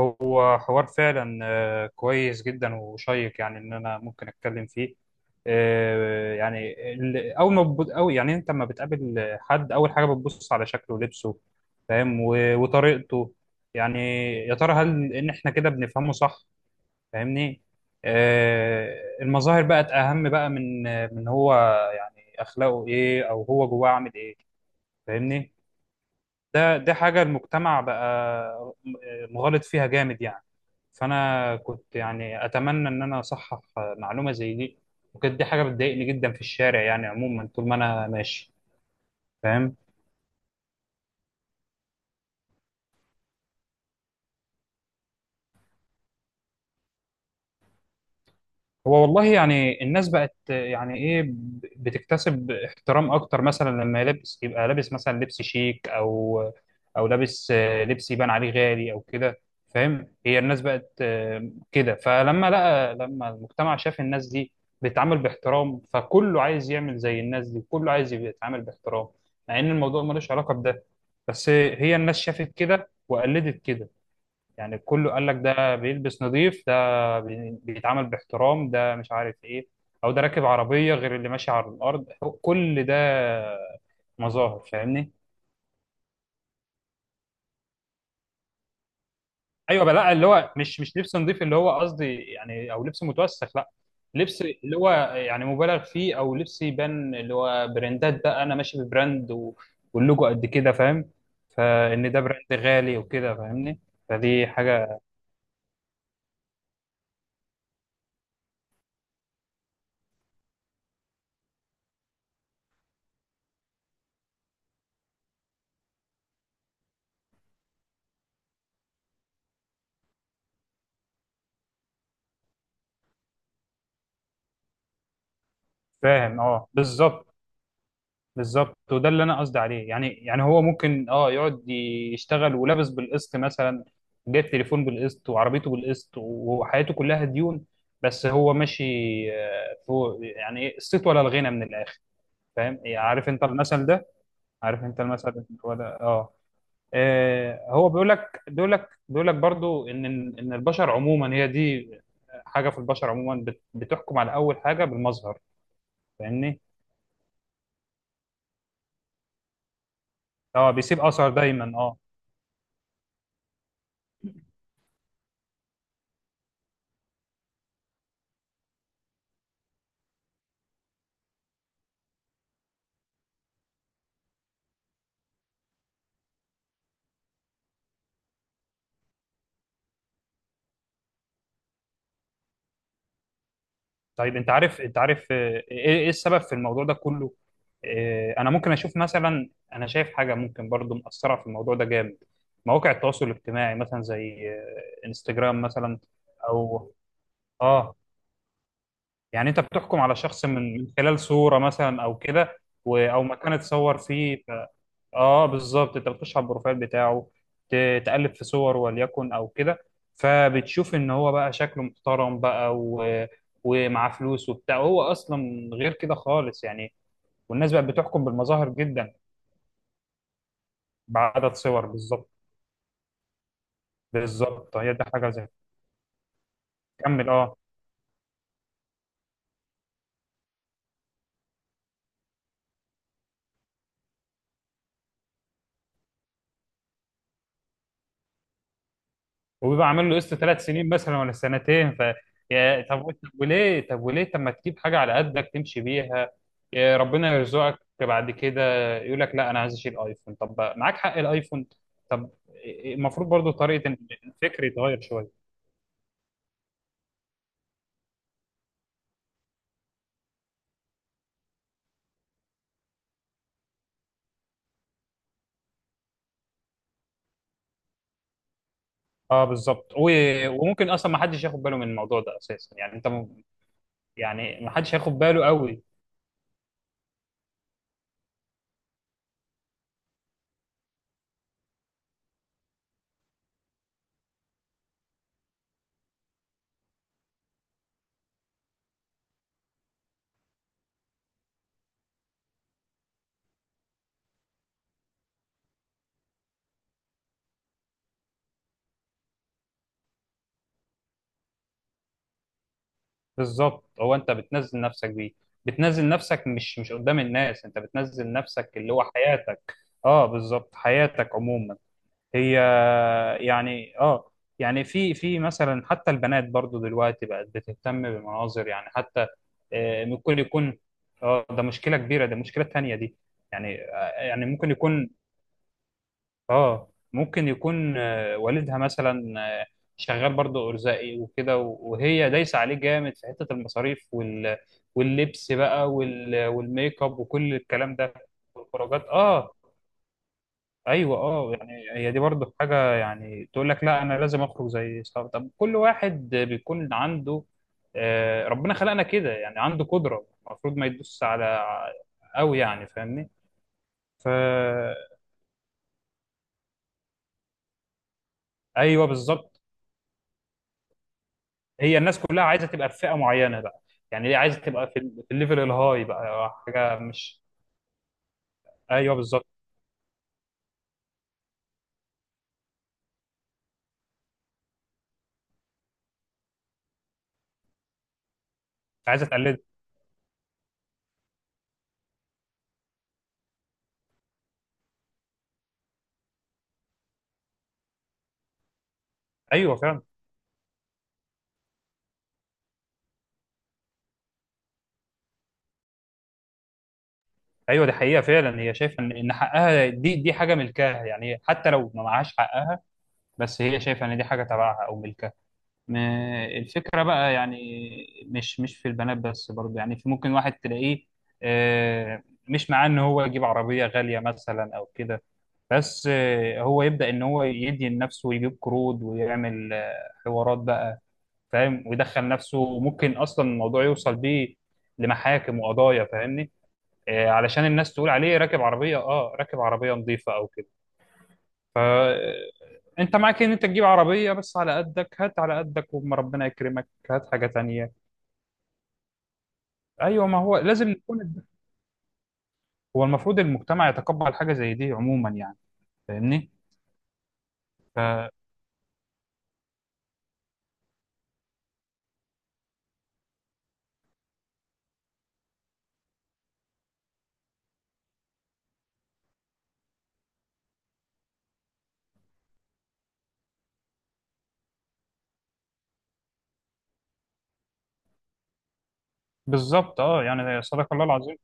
هو حوار فعلا كويس جدا وشيق، يعني ان انا ممكن اتكلم فيه. يعني اول ما أو يعني انت لما بتقابل حد، اول حاجه بتبص على شكله ولبسه، فاهم؟ و- وطريقته، يعني. يا ترى هل ان احنا كده بنفهمه صح؟ فاهمني؟ آه، المظاهر بقت اهم بقى من هو، يعني اخلاقه ايه او هو جواه عامل ايه، فاهمني؟ ده حاجة المجتمع بقى مغالط فيها جامد يعني. فأنا كنت يعني أتمنى إن أنا أصحح معلومة زي دي، وكانت دي حاجة بتضايقني جدا في الشارع، يعني عموما طول ما أنا ماشي، فاهم؟ هو والله يعني الناس بقت يعني ايه، بتكتسب احترام اكتر مثلا لما يلبس يبقى لابس مثلا لبس شيك، او لابس لبس يبان عليه غالي او كده، فاهم؟ هي الناس بقت كده، فلما لقى لما المجتمع شاف الناس دي بتتعامل باحترام، فكله عايز يعمل زي الناس دي، كله عايز يبقى يتعامل باحترام، مع ان الموضوع ملوش علاقة بده. بس هي الناس شافت كده وقلدت كده. يعني كله قال لك: ده بيلبس نظيف، ده بيتعامل باحترام، ده مش عارف ايه، او ده راكب عربية غير اللي ماشي على الارض. هو كل ده مظاهر، فاهمني؟ ايوه بقى، لا، اللي هو مش لبس نظيف اللي هو قصدي يعني، او لبس متوسخ، لا. لبس اللي هو يعني مبالغ فيه، او لبس يبان اللي هو براندات بقى، انا ماشي ببراند و... واللوجو قد كده، فاهم؟ فان ده براند غالي وكده، فاهمني؟ فدي حاجة. فاهم. اه، بالظبط. بالظبط، وده اللي انا قصدي عليه، يعني هو ممكن يقعد يشتغل ولابس بالقسط مثلا، جايب تليفون بالقسط، وعربيته بالقسط، وحياته كلها ديون، بس هو ماشي فوق، يعني إيه، الصيت ولا الغنى من الاخر. فاهم؟ يعني عارف انت المثل ده؟ عارف انت المثل ولا، اه. هو بيقول لك برضو ان البشر عموما هي دي حاجه في البشر عموما بتحكم على اول حاجه بالمظهر، فاهمني؟ اه، بيسيب اثر دايما، اه. طيب، انت عارف إيه السبب في الموضوع ده كله؟ انا ممكن اشوف مثلا، انا شايف حاجه ممكن برضو مأثره في الموضوع ده جامد. مواقع التواصل الاجتماعي مثلا، زي انستجرام مثلا. او اه يعني انت بتحكم على شخص من خلال صوره مثلا او كده، او مكان اتصور فيه. اه، بالظبط، انت بتخش على البروفايل بتاعه، تقلب في صور وليكن او كده، فبتشوف ان هو بقى شكله محترم بقى و... ومعاه فلوس وبتاع. هو اصلا غير كده خالص يعني. والناس بقت بتحكم بالمظاهر جدا. بعدد صور، بالظبط. بالظبط، هي دي حاجه زي. كمل، اه. وبيبقى عامل له قسط 3 سنين مثلا ولا سنتين، يا طب، وليه طب ما تجيب حاجه على قدك تمشي بيها؟ يا ربنا يرزقك بعد كده. يقول لك: لا، انا عايز اشيل ايفون. طب معاك حق الايفون؟ طب، المفروض برضو طريقه الفكر يتغير شويه. اه، بالظبط، و- وممكن اصلا ما حدش ياخد باله من الموضوع ده اساسا، يعني انت يعني ما حدش هياخد باله قوي. بالظبط، هو انت بتنزل نفسك بيه، بتنزل نفسك، مش قدام الناس، انت بتنزل نفسك، اللي هو حياتك. اه، بالظبط، حياتك عموما هي. يعني يعني في مثلا حتى البنات برضو دلوقتي بقت بتهتم بمناظر، يعني حتى ممكن يكون، اه، ده مشكلة كبيرة، ده مشكلة تانية دي. يعني يعني ممكن يكون والدها مثلا، آه، شغال برضه ارزاقي وكده، و- وهي دايسه عليه جامد في حته المصاريف وال... واللبس بقى، وال... والميك اب وكل الكلام ده، والخروجات، اه. ايوه اه، يعني هي دي برضه حاجه، يعني تقول لك: لا، انا لازم اخرج زي صحابي. طب كل واحد بيكون عنده ربنا خلقنا كده، يعني عنده قدره، المفروض ما يدوس على قوي يعني، فاهمني؟ فا ايوه بالظبط. هي الناس كلها عايزه تبقى في فئه معينه بقى، يعني ليه عايزه تبقى في الليفل الهاي بقى، حاجه مش. ايوه بالظبط. عايزه تقلد. ايوه فعلا. ايوه، دي حقيقه فعلا، هي شايفه ان حقها، دي حاجه ملكها، يعني حتى لو ما معهاش حقها. بس هي شايفه ان دي حاجه تبعها او ملكها. ما الفكرة بقى، يعني مش في البنات بس، برضه يعني في ممكن واحد تلاقيه آه، مش معاه ان هو يجيب عربية غالية مثلا او كده، بس هو يبدأ ان هو يدي لنفسه ويجيب قروض ويعمل حوارات بقى، فاهم؟ ويدخل نفسه، وممكن اصلا الموضوع يوصل بيه لمحاكم وقضايا، فاهمني؟ علشان الناس تقول عليه راكب عربية نظيفة، او فانت معاك ان انت تجيب عربيه بس على قدك. هات على قدك، وما ربنا يكرمك هات حاجه تانية. ايوه، ما هو لازم نكون، هو المفروض المجتمع يتقبل حاجه زي دي عموما يعني، فاهمني؟ فبالظبط، اه، يعني صدق الله العظيم.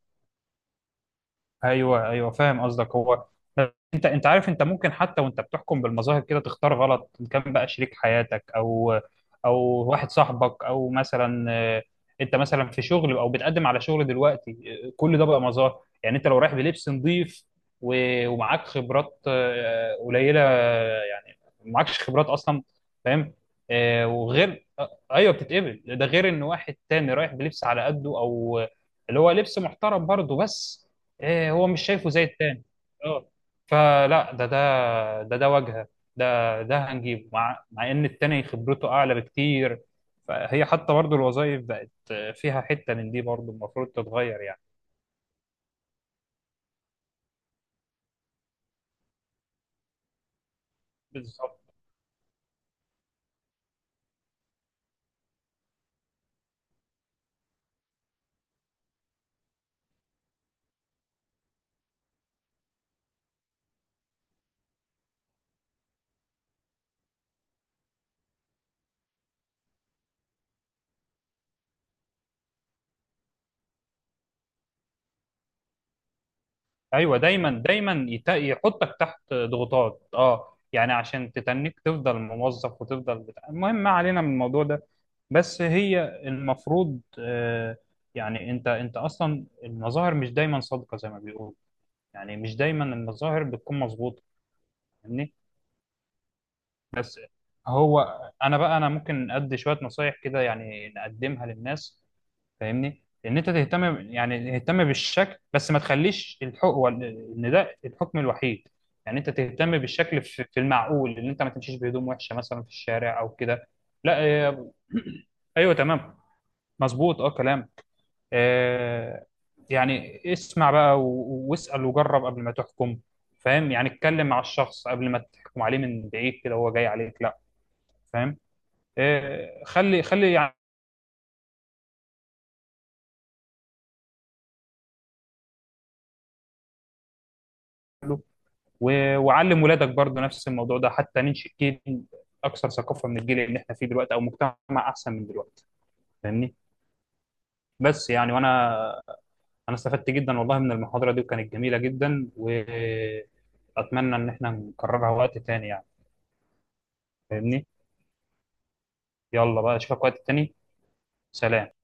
ايوه، ايوه، فاهم قصدك. هو انت عارف، انت ممكن حتى وانت بتحكم بالمظاهر كده تختار غلط، إن كان بقى شريك حياتك او واحد صاحبك، او مثلا انت مثلا في شغل او بتقدم على شغل دلوقتي. كل ده بقى مظاهر، يعني انت لو رايح بلبس نظيف و- ومعاك خبرات قليله، يعني معكش خبرات اصلا، فاهم؟ وغير ايوه بتتقبل، ده غير ان واحد تاني رايح بلبس على قده، او اللي هو لبس محترم برضه، بس إيه، هو مش شايفه زي التاني. اه، فلا، ده واجهه، ده هنجيبه، مع ان التاني خبرته اعلى بكتير. فهي حتى برضه الوظائف بقت فيها حته من دي، برضه المفروض تتغير يعني. بالظبط. ايوه دايما دايما يحطك تحت ضغوطات، يعني عشان تتنك تفضل موظف وتفضل بتاع. المهم، ما علينا من الموضوع ده. بس هي المفروض يعني انت اصلا المظاهر مش دايما صادقه زي ما بيقولوا، يعني مش دايما المظاهر بتكون مظبوطه، فاهمني؟ بس هو، انا ممكن ادي شويه نصايح كده يعني نقدمها للناس، فاهمني؟ ان انت تهتم، يعني تهتم بالشكل، بس ما تخليش الحكم ان ده الحكم الوحيد، يعني انت تهتم بالشكل في المعقول، ان انت ما تمشيش بهدوم وحشه مثلا في الشارع او كده. لا ايوه، تمام، مظبوط، اه، كلام. آه، يعني اسمع بقى، و- واسأل وجرب قبل ما تحكم. فاهم؟ يعني اتكلم مع الشخص قبل ما تحكم عليه من بعيد كده هو جاي عليك، لا، فاهم؟ خلي خلي يعمله، و- وعلم ولادك برضه نفس الموضوع ده، حتى ننشئ جيل اكثر ثقافة من الجيل اللي احنا فيه دلوقتي، او مجتمع احسن من دلوقتي، فاهمني؟ بس يعني، انا استفدت جدا والله من المحاضرة دي، وكانت جميلة جدا، واتمنى ان احنا نكررها وقت تاني يعني، فاهمني؟ يلا بقى اشوفك وقت تاني. سلام.